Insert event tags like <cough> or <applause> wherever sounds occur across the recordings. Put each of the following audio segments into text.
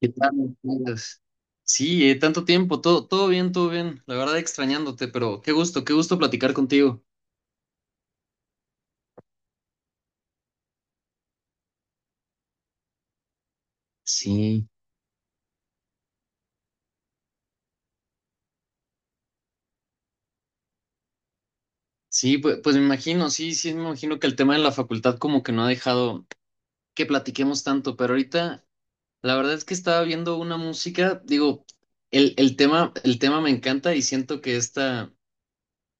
¿Qué tal, Carlos? Sí, tanto tiempo, todo bien, todo bien. La verdad extrañándote, pero qué gusto platicar contigo. Sí, sí, pues me imagino, sí, sí, me imagino que el tema de la facultad como que no ha dejado que platiquemos tanto, pero ahorita la verdad es que estaba viendo una música, digo, el tema me encanta y siento que esta,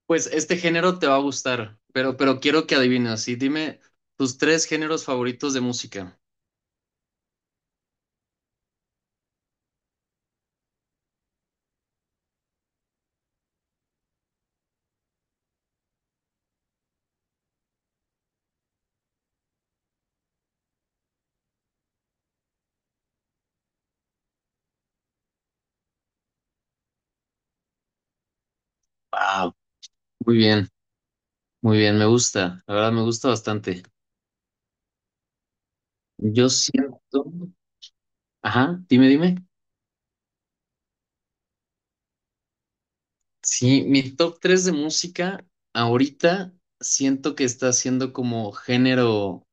pues este género te va a gustar, pero quiero que adivines, sí, dime tus tres géneros favoritos de música. Wow, muy bien. Muy bien, me gusta, la verdad me gusta bastante. Yo siento, ajá, dime, dime. Sí, mi top 3 de música ahorita siento que está siendo como género,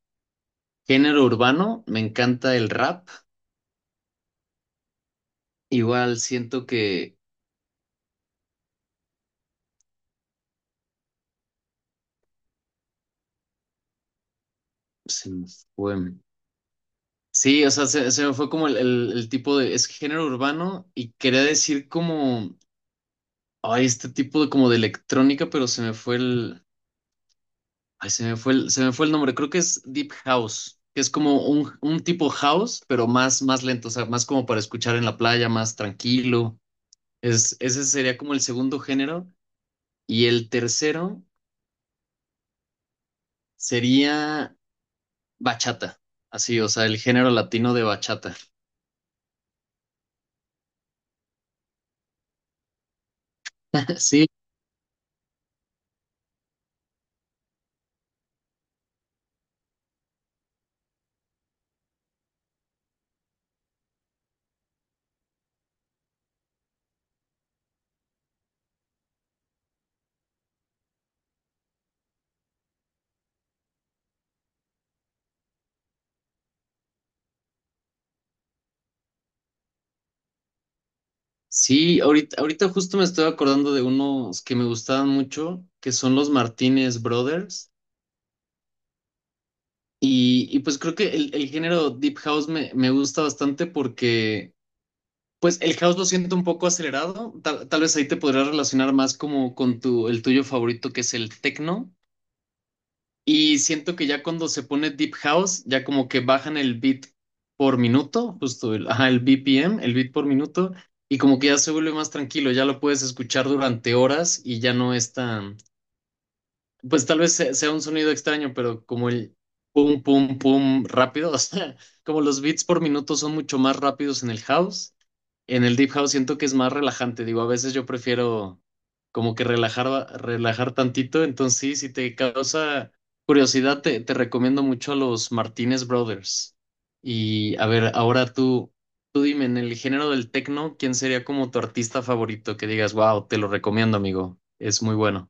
género urbano, me encanta el rap, igual siento que se me fue. Sí, o sea, se me fue como el tipo es género urbano y quería decir como, ay, este tipo de como de electrónica, pero se me fue el Ay, se me fue el nombre, creo que es Deep House, que es como un tipo house, pero más, más lento, o sea, más como para escuchar en la playa, más tranquilo. Ese sería como el segundo género. Y el tercero sería bachata, así, o sea, el género latino de bachata. <laughs> Sí, sí, ahorita justo me estoy acordando de unos que me gustaban mucho, que son los Martínez Brothers. Y pues creo que el género Deep House me gusta bastante porque pues el house lo siento un poco acelerado. Tal vez ahí te podrías relacionar más como con el tuyo favorito, que es el techno. Y siento que ya cuando se pone deep house, ya como que bajan el beat por minuto, justo ajá, el BPM, el beat por minuto, y como que ya se vuelve más tranquilo, ya lo puedes escuchar durante horas y ya no es tan, pues tal vez sea un sonido extraño, pero como el pum, pum, pum rápido, <laughs> o sea, como los beats por minuto son mucho más rápidos en el house en el Deep House siento que es más relajante, digo, a veces yo prefiero como que relajar tantito, entonces sí, si te causa curiosidad, te recomiendo mucho a los Martínez Brothers. Y a ver, ahora tú dime, en el género del techno, ¿quién sería como tu artista favorito que digas, wow, te lo recomiendo, amigo, es muy bueno?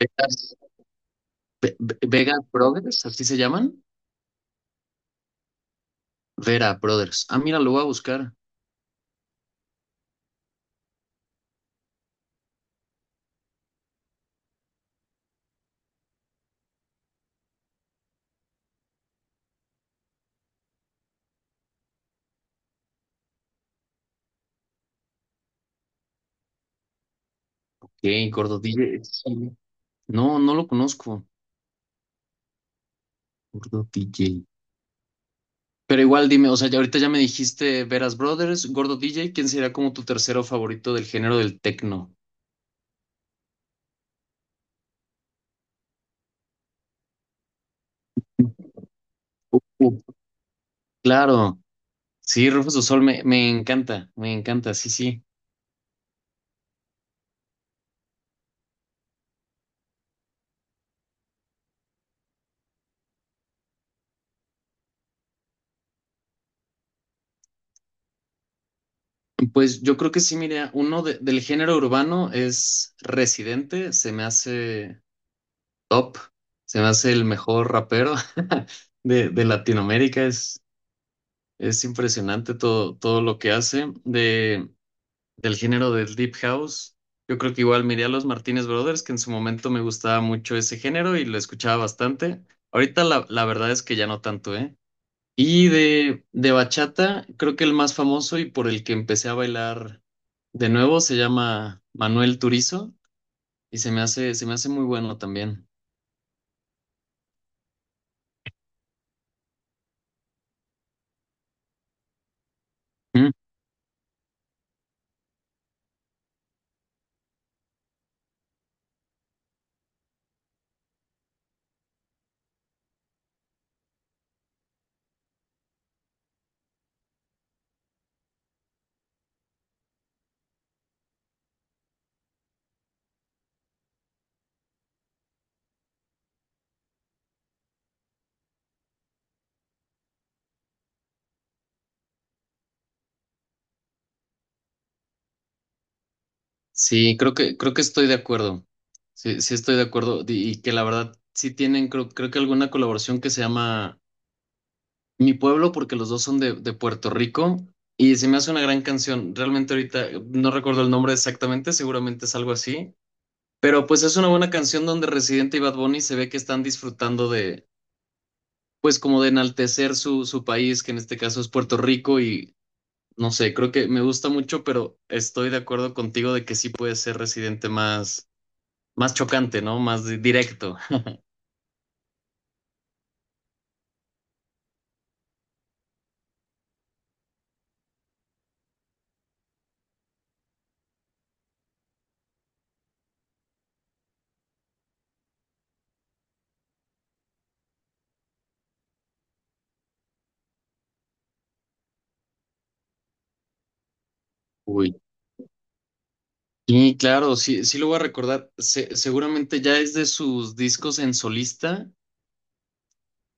Vegas, Vegas Brothers, ¿así se llaman? Vera Brothers. Ah, mira, lo voy a buscar. Ok, Gordo DJ. Sí. No lo conozco. Gordo DJ. Pero igual dime, o sea, ya ahorita ya me dijiste Veras Brothers, Gordo DJ, ¿quién sería como tu tercero favorito del género del tecno? Uh, claro, sí, Rufus du Sol me encanta, me encanta, sí, sí. Pues yo creo que sí, mira, uno del género urbano es Residente, se me hace top, se me hace el mejor rapero <laughs> de Latinoamérica, es impresionante todo lo que hace. Del género del Deep House. Yo creo que igual miré a los Martínez Brothers, que en su momento me gustaba mucho ese género y lo escuchaba bastante. Ahorita la verdad es que ya no tanto, ¿eh? Y de bachata, creo que el más famoso y por el que empecé a bailar de nuevo se llama Manuel Turizo y se me hace muy bueno también. Mm. Sí, creo que estoy de acuerdo. Sí, sí estoy de acuerdo. Y que la verdad sí tienen, creo que alguna colaboración que se llama Mi pueblo, porque los dos son de Puerto Rico y se me hace una gran canción. Realmente ahorita no recuerdo el nombre exactamente, seguramente es algo así, pero pues es una buena canción donde Residente y Bad Bunny se ve que están disfrutando de, pues como de enaltecer su país, que en este caso es Puerto Rico y no sé, creo que me gusta mucho, pero estoy de acuerdo contigo de que sí puede ser Residente más, más chocante, ¿no? Más directo. Uy. Y claro, sí, sí lo voy a recordar. Seguramente ya es de sus discos en solista.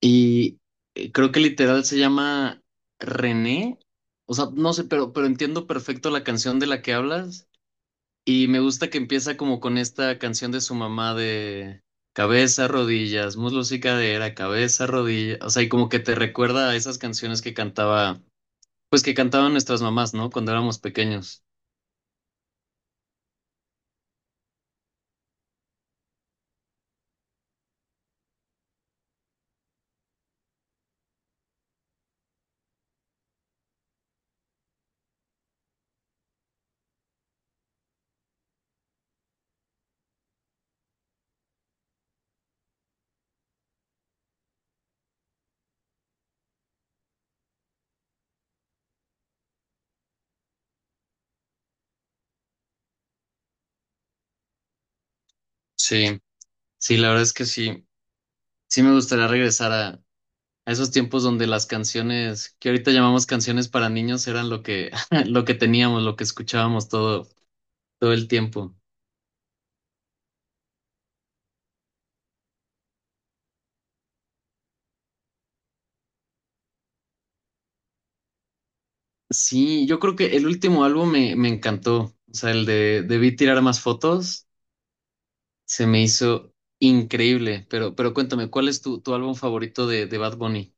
Y creo que literal se llama René. O sea, no sé, pero entiendo perfecto la canción de la que hablas. Y me gusta que empieza como con esta canción de su mamá de cabeza, rodillas, muslos y cadera, cabeza, rodilla. O sea, y como que te recuerda a esas canciones pues que cantaban nuestras mamás, ¿no? Cuando éramos pequeños. Sí, sí, la verdad es que sí. Sí me gustaría regresar a esos tiempos donde las canciones que ahorita llamamos canciones para niños eran lo que, <laughs> lo que teníamos, lo que escuchábamos todo el tiempo. Sí, yo creo que el último álbum me encantó. O sea, el de Debí tirar más fotos se me hizo increíble. Pero cuéntame, ¿cuál es tu álbum favorito de Bad Bunny?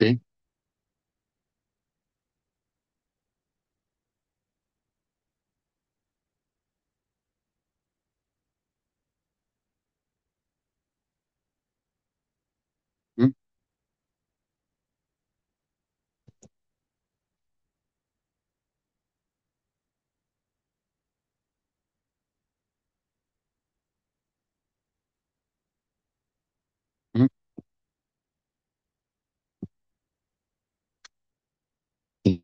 Sí. Mm, mm. Sí.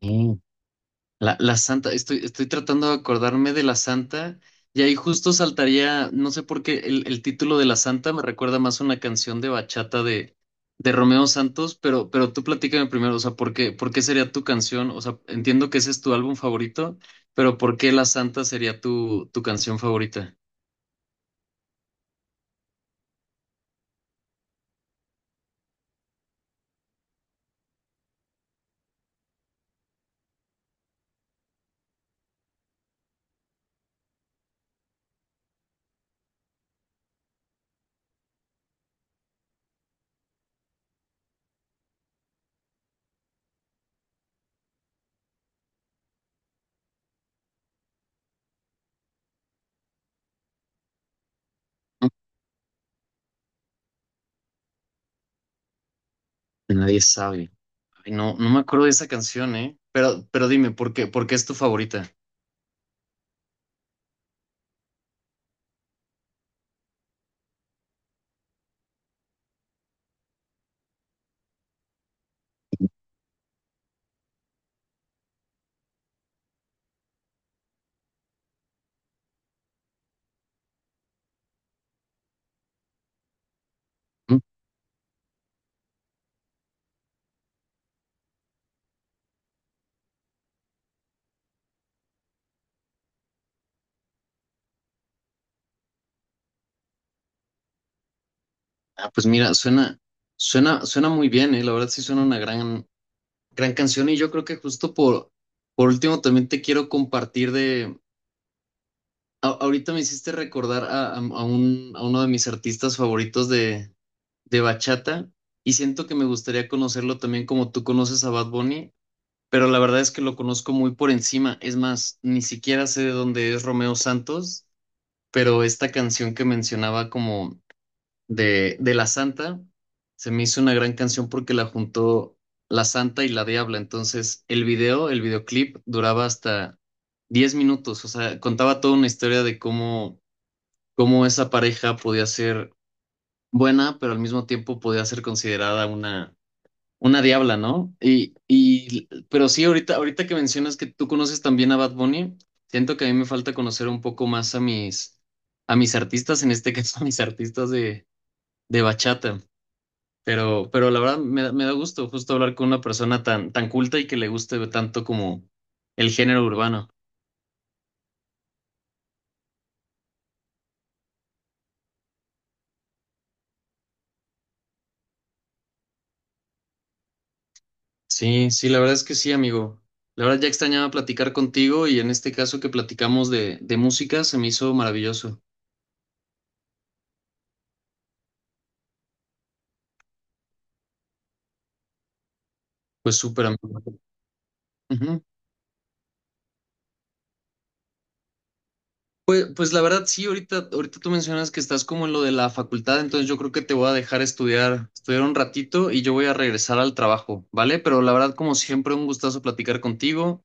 La santa, estoy tratando de acordarme de la santa y ahí justo saltaría, no sé por qué, el título de la santa me recuerda más a una canción de bachata de Romeo Santos, pero tú platícame primero, o sea, ¿por qué sería tu canción? O sea, entiendo que ese es tu álbum favorito, pero ¿por qué la santa sería tu canción favorita? Nadie sabe. Ay, no, no me acuerdo de esa canción, ¿eh? Pero dime, ¿por qué es tu favorita? Mm. Ah, pues mira, suena muy bien, ¿eh? La verdad sí suena una gran canción y yo creo que justo por último también te quiero compartir de, ahorita me hiciste recordar a uno de mis artistas favoritos de bachata y siento que me gustaría conocerlo también como tú conoces a Bad Bunny, pero la verdad es que lo conozco muy por encima, es más, ni siquiera sé de dónde es Romeo Santos, pero esta canción que mencionaba como de La Santa, se me hizo una gran canción porque la juntó La Santa y La Diabla. Entonces, el videoclip duraba hasta 10 minutos, o sea, contaba toda una historia de cómo esa pareja podía ser buena, pero al mismo tiempo podía ser considerada una diabla, ¿no? Pero sí, ahorita que mencionas que tú conoces también a Bad Bunny, siento que a mí me falta conocer un poco más a mis, artistas, en este caso <laughs> a mis artistas de bachata. Pero la verdad me da gusto justo hablar con una persona tan culta y que le guste tanto como el género urbano. Sí, sí, la verdad es que sí, amigo. La verdad ya extrañaba platicar contigo y en este caso que platicamos de música se me hizo maravilloso. Pues súper amigo. Ujú. Pues la verdad sí, ahorita tú mencionas que estás como en lo de la facultad, entonces yo creo que te voy a dejar estudiar un ratito y yo voy a regresar al trabajo, ¿vale? Pero la verdad como siempre un gustazo platicar contigo.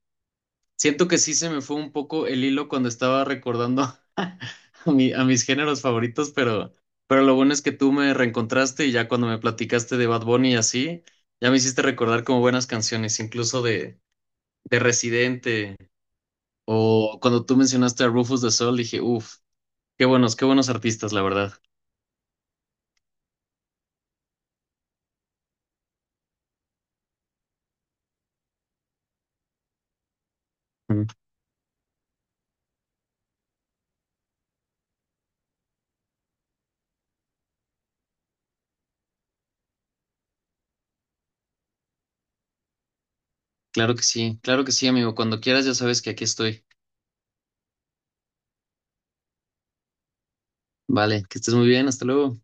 Siento que sí se me fue un poco el hilo cuando estaba recordando <laughs> a, a mis géneros favoritos, pero lo bueno es que tú me reencontraste y ya cuando me platicaste de Bad Bunny y así, ya me hiciste recordar como buenas canciones, incluso de Residente o cuando tú mencionaste a Rufus de Sol, dije, uff, qué buenos artistas, la verdad. Mm. Claro que sí, amigo. Cuando quieras ya sabes que aquí estoy. Vale, que estés muy bien, hasta luego.